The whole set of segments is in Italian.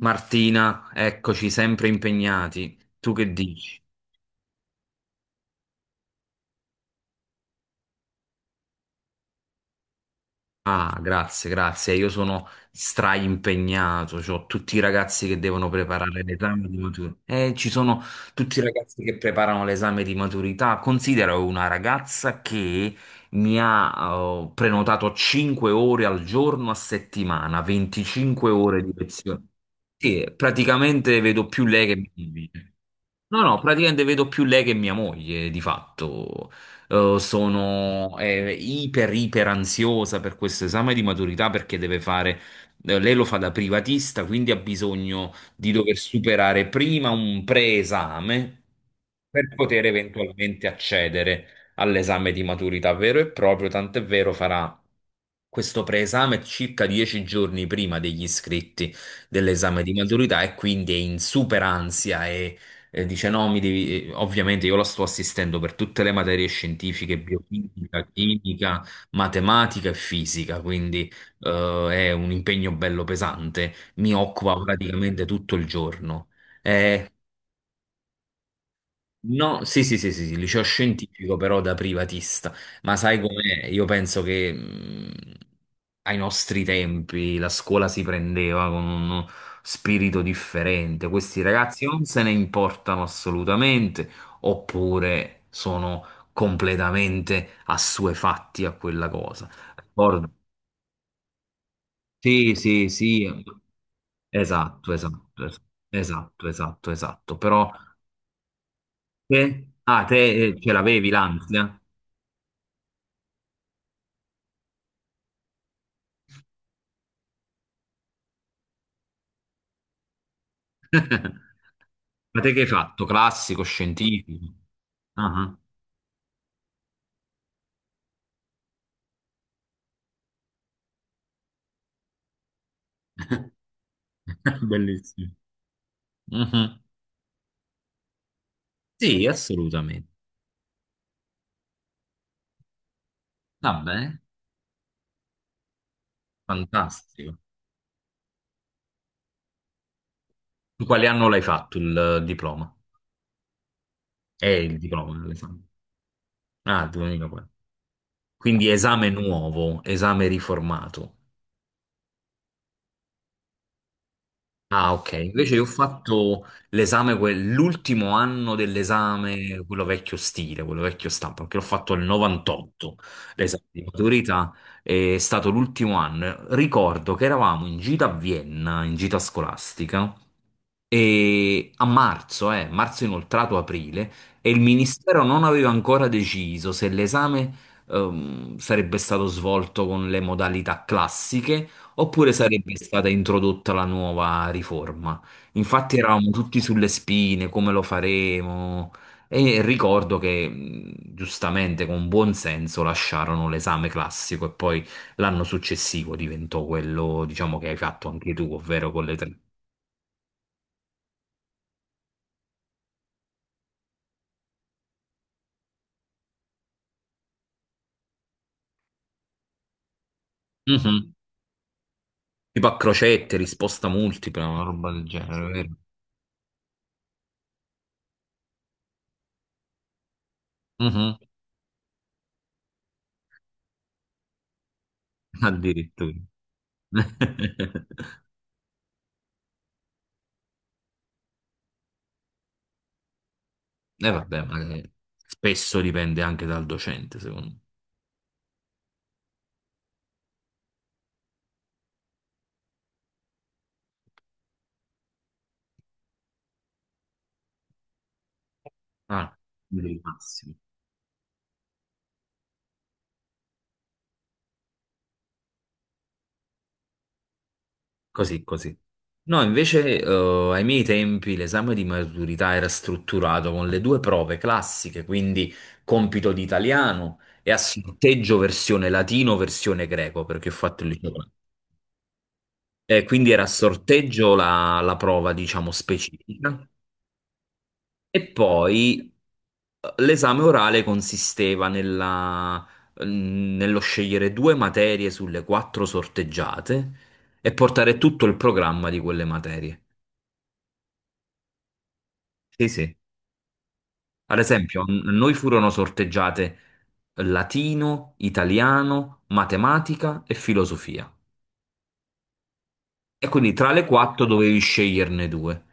Martina, eccoci sempre impegnati. Tu che dici? Ah, grazie, grazie. Io sono straimpegnato, ho tutti i ragazzi che devono preparare l'esame di maturità. Ci sono tutti i ragazzi che preparano l'esame di maturità. Considero una ragazza che mi ha prenotato 5 ore al giorno a settimana, 25 ore di lezione. Sì, praticamente vedo più lei che mi. No, no, praticamente vedo più lei che mia moglie, di fatto. Sono iper ansiosa per questo esame di maturità perché deve fare. Lei lo fa da privatista, quindi ha bisogno di dover superare prima un preesame per poter eventualmente accedere all'esame di maturità vero e proprio, tant'è vero farà questo preesame circa 10 giorni prima degli iscritti dell'esame di maturità e quindi è in super ansia. È, dice no, mi devi. Ovviamente io la sto assistendo per tutte le materie scientifiche, biochimica, chimica, matematica e fisica, quindi è un impegno bello pesante, mi occupa praticamente tutto il giorno. Eh, No, sì, sì, sì, sì, sì, liceo scientifico però da privatista, ma sai com'è? Io penso che ai nostri tempi la scuola si prendeva con uno spirito differente. Questi ragazzi non se ne importano assolutamente, oppure sono completamente assuefatti a quella cosa. Ricordo- Sì, sì, sì, esatto, esatto, esatto, esatto, esatto, esatto, però te, ah, te ce l'avevi l'ansia? Ma te che hai fatto? Classico, scientifico? Ah, ah. Bellissimo. Mhm. Sì, assolutamente. Va bene, fantastico. In quale anno l'hai fatto il diploma? È il diploma, l'esame. Ah, 2004. Quindi esame nuovo, esame riformato. Ah, ok. Invece io ho fatto l'esame, l'ultimo anno dell'esame, quello vecchio stile, quello vecchio stampo, perché l'ho fatto nel 98, l'esame di maturità, è stato l'ultimo anno. Ricordo che eravamo in gita a Vienna, in gita scolastica, e a marzo inoltrato aprile, e il ministero non aveva ancora deciso se l'esame sarebbe stato svolto con le modalità classiche, oppure sarebbe stata introdotta la nuova riforma. Infatti eravamo tutti sulle spine, come lo faremo? E ricordo che giustamente, con buon senso, lasciarono l'esame classico e poi l'anno successivo diventò quello, diciamo, che hai fatto anche tu, ovvero con le tre. Mhm. Tipo a crocette, risposta multipla, una roba del genere, vero? Mhm. Addirittura. E vabbè, ma spesso dipende anche dal docente, secondo me. Ah, il massimo. Così, così. No, invece, ai miei tempi l'esame di maturità era strutturato con le due prove classiche, quindi compito di italiano e a sorteggio versione latino, versione greco, perché ho fatto il liceo classico. E quindi era a sorteggio la prova, diciamo, specifica. E poi l'esame orale consisteva nello scegliere due materie sulle quattro sorteggiate e portare tutto il programma di quelle materie. Sì, sì. Ad esempio, a noi furono sorteggiate latino, italiano, matematica e filosofia. E quindi tra le quattro dovevi sceglierne due.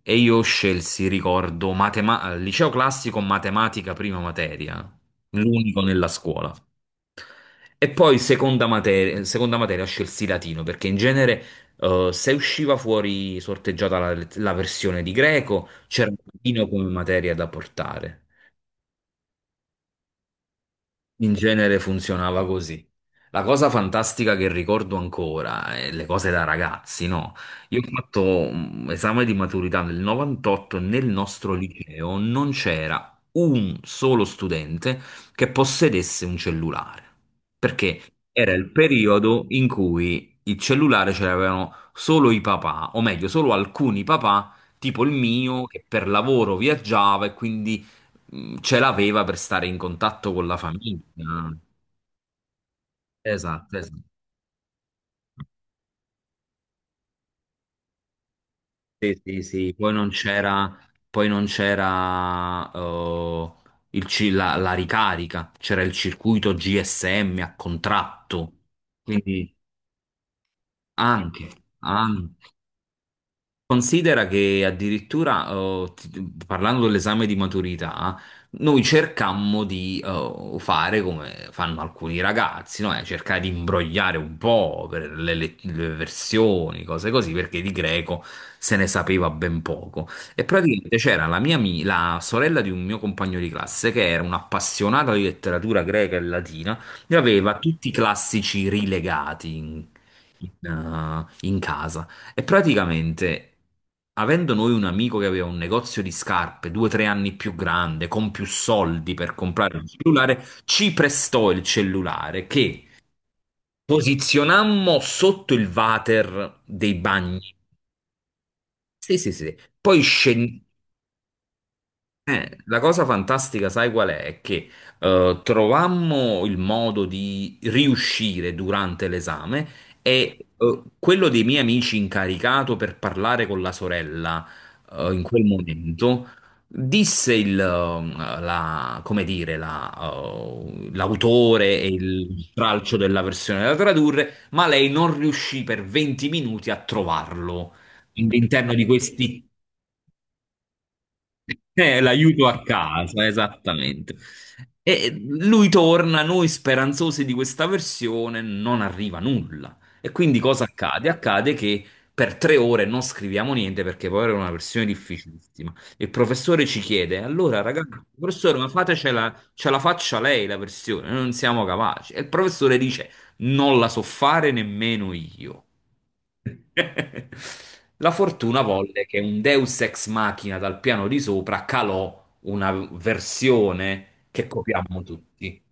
E io scelsi, ricordo, liceo classico, matematica prima materia, l'unico nella scuola. E poi seconda materia scelsi latino perché in genere se usciva fuori sorteggiata la versione di greco, c'era latino come materia da portare. In genere funzionava così. La cosa fantastica che ricordo ancora è le cose da ragazzi, no? Io ho fatto un esame di maturità nel 98 e nel nostro liceo non c'era un solo studente che possedesse un cellulare, perché era il periodo in cui il cellulare ce l'avevano solo i papà, o meglio, solo alcuni papà, tipo il mio, che per lavoro viaggiava e quindi ce l'aveva per stare in contatto con la famiglia. Esatto, esatto. Sì, sì, sì. Poi non c'era la ricarica, c'era il circuito GSM a contratto. Quindi anche, anche. Considera che addirittura, parlando dell'esame di maturità, noi cercammo di fare come fanno alcuni ragazzi, no? Cercare di imbrogliare un po' per le versioni, cose così, perché di greco se ne sapeva ben poco. E praticamente c'era la sorella di un mio compagno di classe, che era un'appassionata di letteratura greca e latina, e aveva tutti i classici rilegati in casa. E praticamente, avendo noi un amico che aveva un negozio di scarpe 2 o 3 anni più grande, con più soldi per comprare un cellulare, ci prestò il cellulare che posizionammo sotto il water dei bagni. Sì, sì, sì. Poi scendiamo. La cosa fantastica, sai qual è? È che trovammo il modo di riuscire durante l'esame, e quello dei miei amici incaricato per parlare con la sorella in quel momento disse come dire, l'autore e il tralcio della versione da tradurre, ma lei non riuscì per 20 minuti a trovarlo all'interno di questi. L'aiuto a casa, esattamente. E lui torna, noi speranzosi di questa versione, non arriva nulla. E quindi cosa accade? Accade che per 3 ore non scriviamo niente perché poi era una versione difficilissima. Il professore ci chiede: Allora, ragazzi, professore, ma fatecela, ce la faccia lei la versione, noi non siamo capaci. E il professore dice: Non la so fare nemmeno io. La fortuna volle che un Deus ex machina dal piano di sopra calò una versione che copiammo tutti.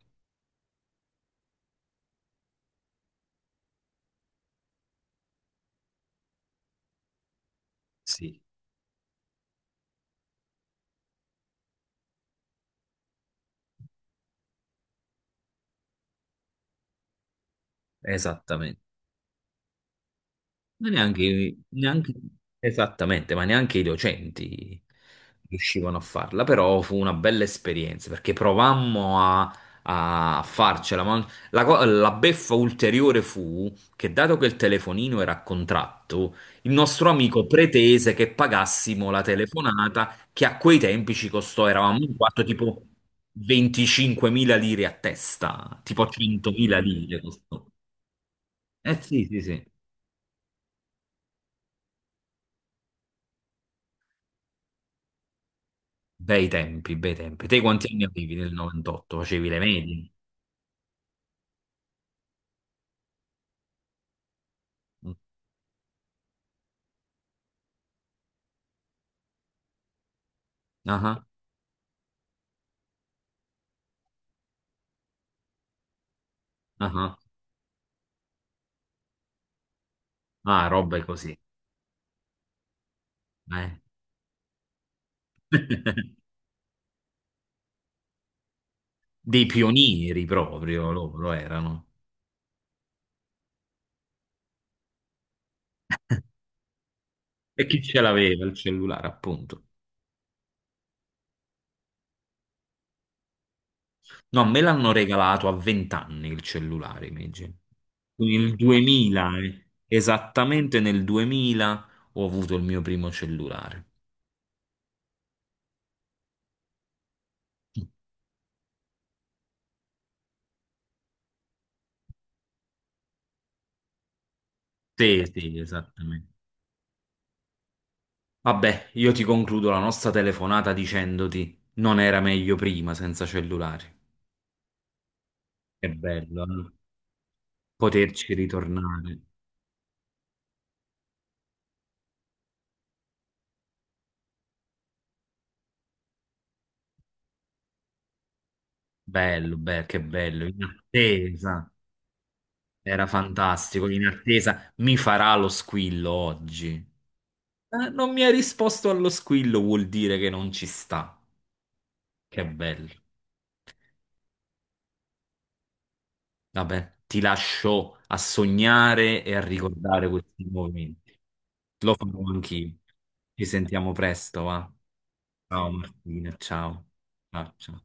Sì, esattamente. Ma neanche esattamente, ma neanche i docenti riuscivano a farla, però fu una bella esperienza perché provammo a farcela, ma la beffa ulteriore fu che dato che il telefonino era a contratto, il nostro amico pretese che pagassimo la telefonata che a quei tempi ci costò, eravamo in quattro tipo 25.000 lire a testa, tipo 100.000 lire costò. Eh sì, sì, sì. Bei tempi, bei tempi. Te quanti anni avevi nel 98? Facevi le medie? Mm. Ah, ah, ah. Ah, robe così. Eh. Dei pionieri proprio loro erano. E chi ce l'aveva il cellulare, appunto? No, me l'hanno regalato a 20 anni il cellulare, invece. Nel 2000, eh. Esattamente nel 2000 ho avuto il mio primo cellulare. Sì, sì, esattamente. Vabbè, io ti concludo la nostra telefonata dicendoti non era meglio prima senza cellulari. Che bello, eh? Poterci ritornare. Bello, beh, che bello. In attesa, era fantastico. In attesa, mi farà lo squillo oggi. Non mi ha risposto allo squillo, vuol dire che non ci sta. Che bello. Vabbè, ti lascio a sognare e a ricordare questi momenti. Lo farò anch'io. Ci sentiamo presto, va? Ciao Martina, ciao. Ah, ciao.